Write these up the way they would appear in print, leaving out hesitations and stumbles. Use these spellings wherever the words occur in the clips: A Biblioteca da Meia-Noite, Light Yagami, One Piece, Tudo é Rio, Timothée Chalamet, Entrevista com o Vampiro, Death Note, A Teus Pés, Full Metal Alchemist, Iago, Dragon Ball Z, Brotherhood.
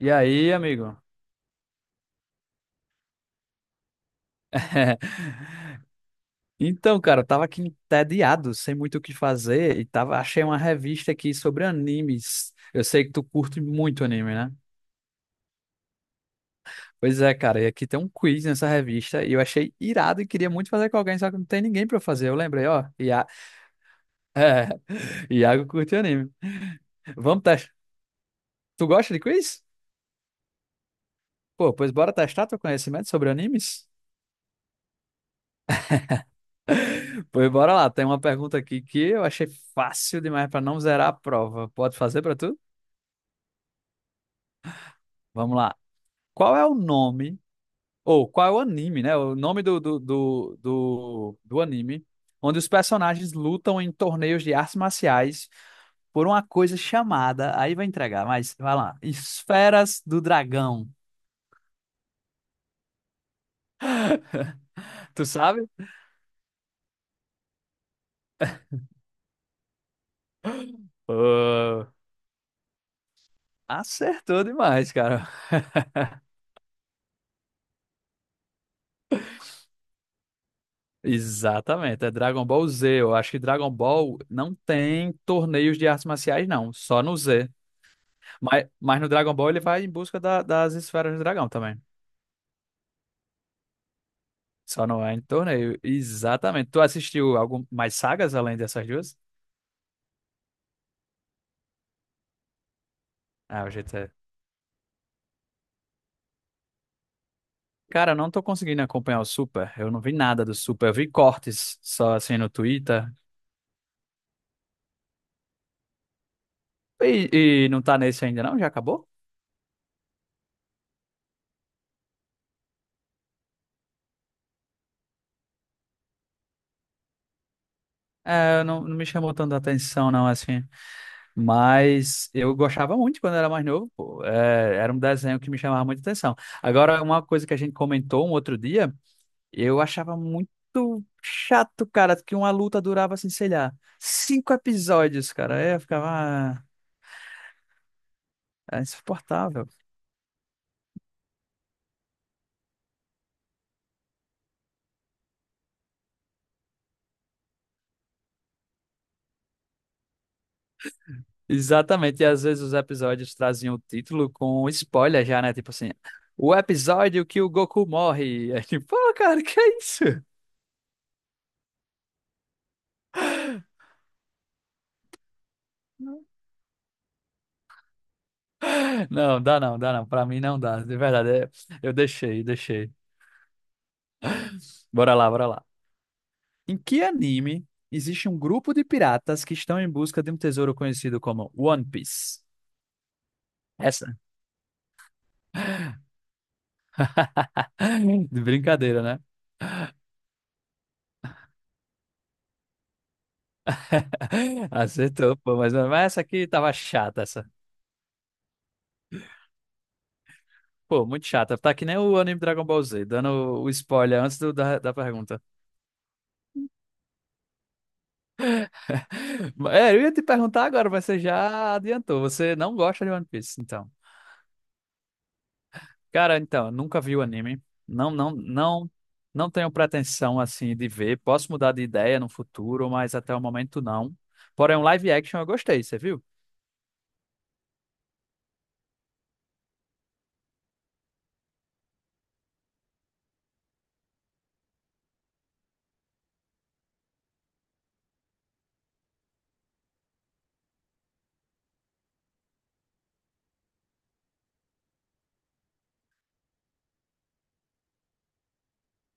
E aí, amigo? Então, cara, eu tava aqui entediado, sem muito o que fazer, achei uma revista aqui sobre animes. Eu sei que tu curte muito anime, né? Pois é, cara, e aqui tem um quiz nessa revista, e eu achei irado e queria muito fazer com alguém, só que não tem ninguém pra fazer. Eu lembrei, ó, é, Iago curte anime. Vamos testar. Tu gosta de quiz? Pô, pois bora testar teu conhecimento sobre animes? Pois bora lá, tem uma pergunta aqui que eu achei fácil demais pra não zerar a prova. Pode fazer pra tu? Vamos lá. Qual é o nome, ou qual é o anime, né? O nome do anime, onde os personagens lutam em torneios de artes marciais por uma coisa chamada, aí vai entregar, mas vai lá, Esferas do Dragão. Tu sabe? Pô, acertou demais, cara. Exatamente, é Dragon Ball Z. Eu acho que Dragon Ball não tem torneios de artes marciais, não, só no Z. Mas no Dragon Ball ele vai em busca das Esferas do Dragão também. Só não é em torneio. Exatamente. Tu assistiu algum mais sagas além dessas duas? Ah, o GTA. Cara, eu não tô conseguindo acompanhar o Super. Eu não vi nada do Super. Eu vi cortes só assim no Twitter. E não tá nesse ainda, não? Já acabou? É, não, não me chamou tanta atenção, não, assim. Mas eu gostava muito quando era mais novo, pô. É, era um desenho que me chamava muita atenção. Agora, uma coisa que a gente comentou um outro dia. Eu achava muito chato, cara, que uma luta durava, assim, sei lá, 5 episódios, cara. Aí eu ficava. É insuportável. Exatamente. E às vezes os episódios traziam o título com spoiler já, né? Tipo assim, o episódio que o Goku morre. É tipo, pô, cara, que é isso? Não, dá não, dá não. Pra mim não dá. De verdade, eu deixei, deixei. Bora lá, bora lá. Em que anime existe um grupo de piratas que estão em busca de um tesouro conhecido como One Piece? Essa. De brincadeira, né? Acertou, pô, mas, essa aqui tava chata, essa. Pô, muito chata. Tá que nem o anime Dragon Ball Z, dando o spoiler antes da pergunta. É, eu ia te perguntar agora, mas você já adiantou. Você não gosta de One Piece, então. Cara, então, eu nunca vi o anime. Não, não, não, não tenho pretensão, assim, de ver. Posso mudar de ideia no futuro, mas até o momento não. Porém, um live action eu gostei, você viu?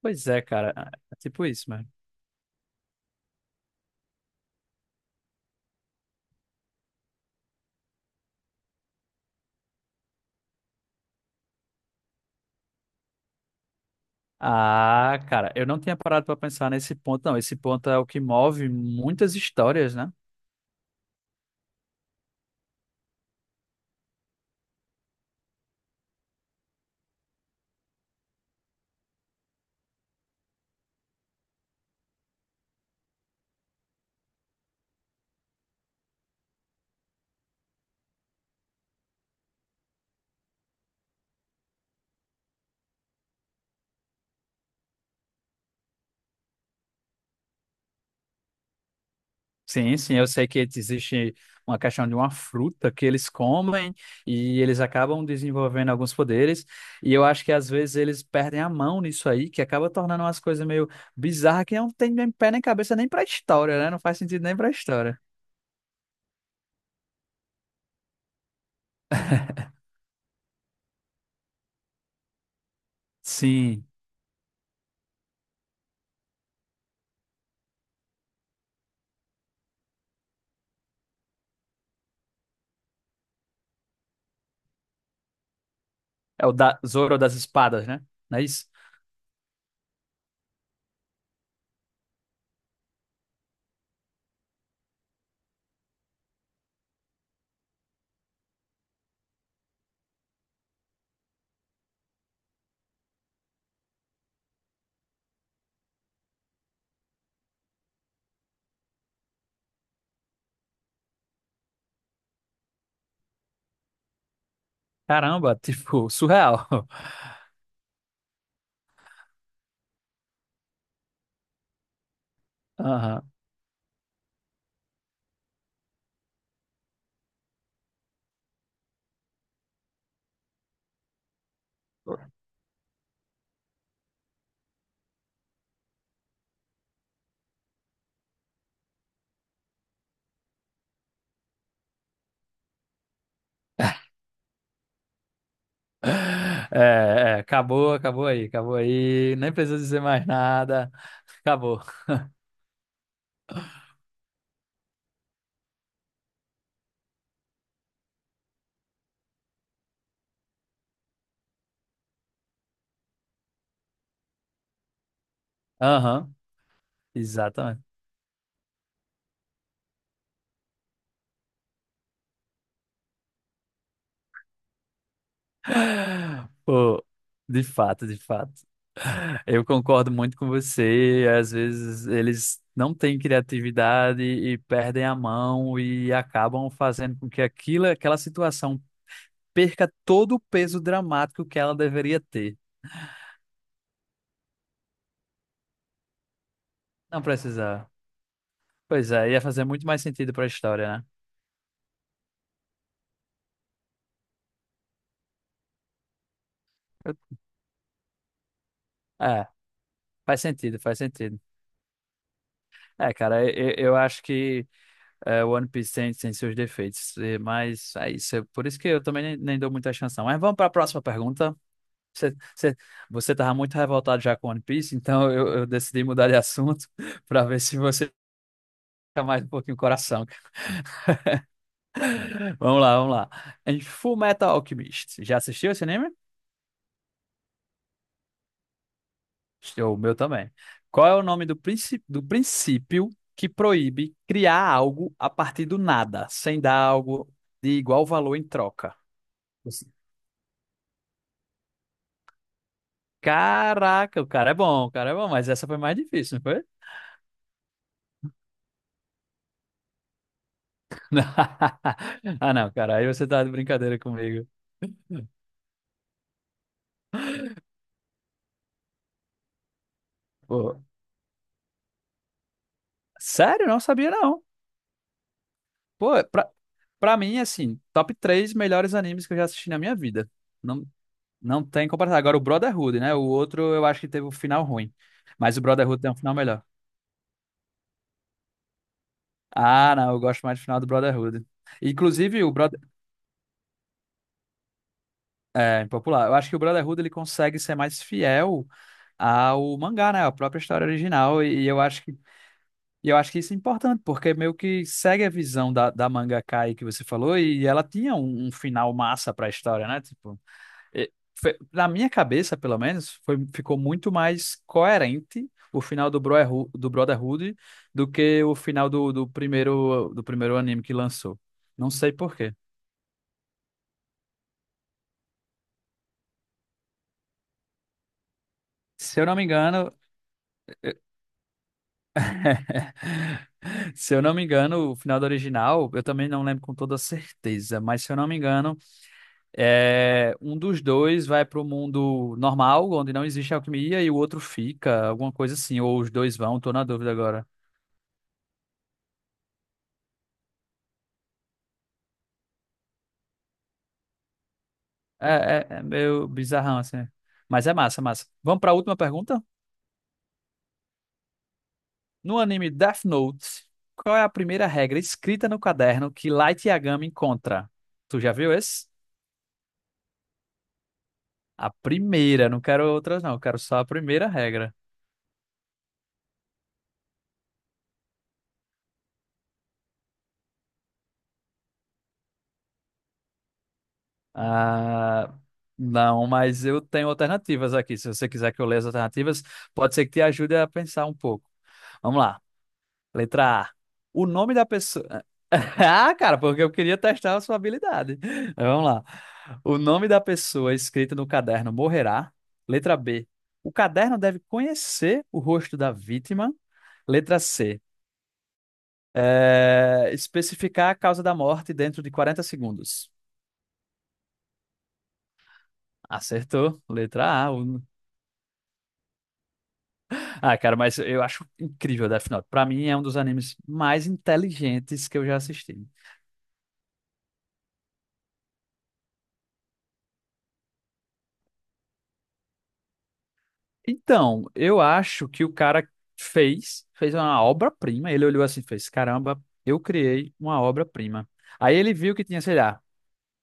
Pois é, cara. É tipo isso, mano. Ah, cara, eu não tinha parado pra pensar nesse ponto, não. Esse ponto é o que move muitas histórias, né? Sim, sim, eu sei que existe uma questão de uma fruta que eles comem e eles acabam desenvolvendo alguns poderes, e eu acho que às vezes eles perdem a mão nisso aí, que acaba tornando umas coisas meio bizarras que não tem nem pé nem cabeça nem pra história, né? Não faz sentido nem pra história. Sim, é o da Zoro das espadas, né? Não é isso? Caramba, tipo, surreal. Aham. É, acabou, acabou aí, acabou aí. Nem preciso dizer mais nada. Acabou. Aham, exatamente. Pô, de fato, de fato. Eu concordo muito com você. Às vezes eles não têm criatividade e perdem a mão e acabam fazendo com que aquilo, aquela situação perca todo o peso dramático que ela deveria ter. Não precisava. Pois é, ia fazer muito mais sentido para a história, né? Eu- É, faz sentido, faz sentido. É, cara, eu acho que One Piece tem, seus defeitos, mas é isso. Por isso que eu também nem dou muita chance, não. Mas vamos para a próxima pergunta. Você, você, você estava muito revoltado já com One Piece, então eu decidi mudar de assunto para ver se você fica mais um pouquinho coração. Vamos lá, vamos lá. Em Full Metal Alchemist, já assistiu esse anime? O meu também. Qual é o nome do princípio que proíbe criar algo a partir do nada, sem dar algo de igual valor em troca? Caraca, o cara é bom, o cara é bom, mas essa foi mais difícil, não foi? Ah, não, cara, aí você tá de brincadeira comigo. Pô, sério, não sabia não. Pô, pra mim, assim, top três melhores animes que eu já assisti na minha vida. Não, não tem comparação. Agora, o Brotherhood, né? O outro eu acho que teve um final ruim, mas o Brotherhood tem um final melhor. Ah, não, eu gosto mais do final do Brotherhood. Inclusive, o, Bro É, impopular. Eu acho que o Brotherhood ele consegue ser mais fiel ao mangá, né? A própria história original. E eu acho que isso é importante, porque meio que segue a visão da Kai que você falou, e ela tinha um final massa pra história, né? Tipo, e- na minha cabeça, pelo menos, ficou muito mais coerente o final do Brotherhood, do que o final do primeiro anime que lançou. Não sei por quê. Se eu não me engano. Se eu não me engano, o final do original, eu também não lembro com toda certeza, mas se eu não me engano, um dos dois vai para o mundo normal, onde não existe alquimia, e o outro fica, alguma coisa assim, ou os dois vão, tô na dúvida agora. É, meio bizarrão assim. Mas é massa, massa. Vamos para a última pergunta? No anime Death Note, qual é a primeira regra escrita no caderno que Light Yagami encontra? Tu já viu esse? A primeira, não quero outras não, quero só a primeira regra. Ah, não, mas eu tenho alternativas aqui. Se você quiser que eu leia as alternativas, pode ser que te ajude a pensar um pouco. Vamos lá. Letra A. O nome da pessoa. Ah, cara, porque eu queria testar a sua habilidade. Mas vamos lá. O nome da pessoa escrito no caderno morrerá. Letra B. O caderno deve conhecer o rosto da vítima. Letra C. Especificar a causa da morte dentro de 40 segundos. Acertou. Letra A. O Ah, cara, mas eu acho incrível Death Note. Pra mim é um dos animes mais inteligentes que eu já assisti. Então, eu acho que o cara fez uma obra-prima. Ele olhou assim, e fez, caramba, eu criei uma obra-prima. Aí ele viu que tinha, sei lá,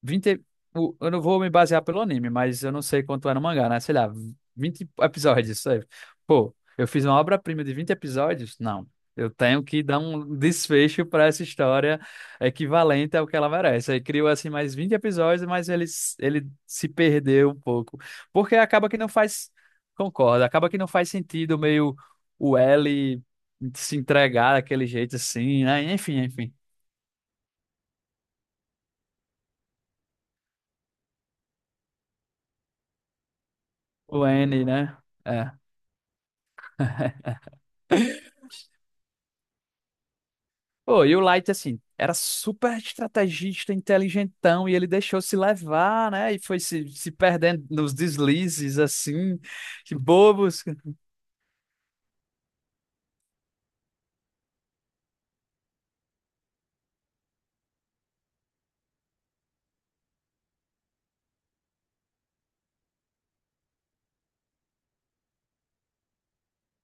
20 eu não vou me basear pelo anime, mas eu não sei quanto é no mangá, né? Sei lá, 20 episódios, sabe? Pô, eu fiz uma obra-prima de 20 episódios? Não. Eu tenho que dar um desfecho para essa história equivalente ao que ela merece. Aí criou assim mais 20 episódios, mas ele se perdeu um pouco. Porque acaba que não faz. Concordo, acaba que não faz sentido meio o L se entregar daquele jeito assim, né? Enfim, enfim. O N, né? É. Pô, e o Light, assim, era super estrategista, inteligentão, e ele deixou se levar, né? E foi se perdendo nos deslizes, assim, que bobos.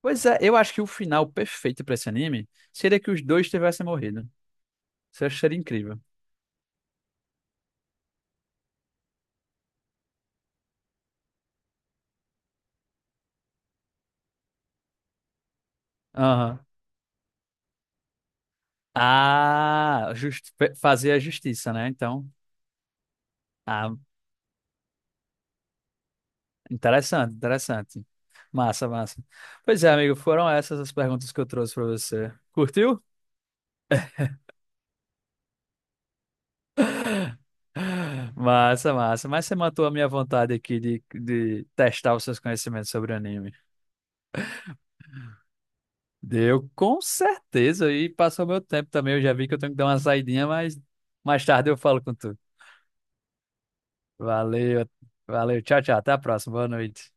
Pois é, eu acho que o final perfeito pra esse anime seria que os dois tivessem morrido. Isso eu seria incrível. Aham. Ah, fazer a justiça, né? Então, ah, interessante, interessante. Massa, massa. Pois é, amigo, foram essas as perguntas que eu trouxe pra você. Curtiu? Massa, massa. Mas você matou a minha vontade aqui de testar os seus conhecimentos sobre anime. Deu, com certeza. E passou meu tempo também. Eu já vi que eu tenho que dar uma saidinha, mas mais tarde eu falo com tu. Valeu, valeu. Tchau, tchau. Até a próxima. Boa noite.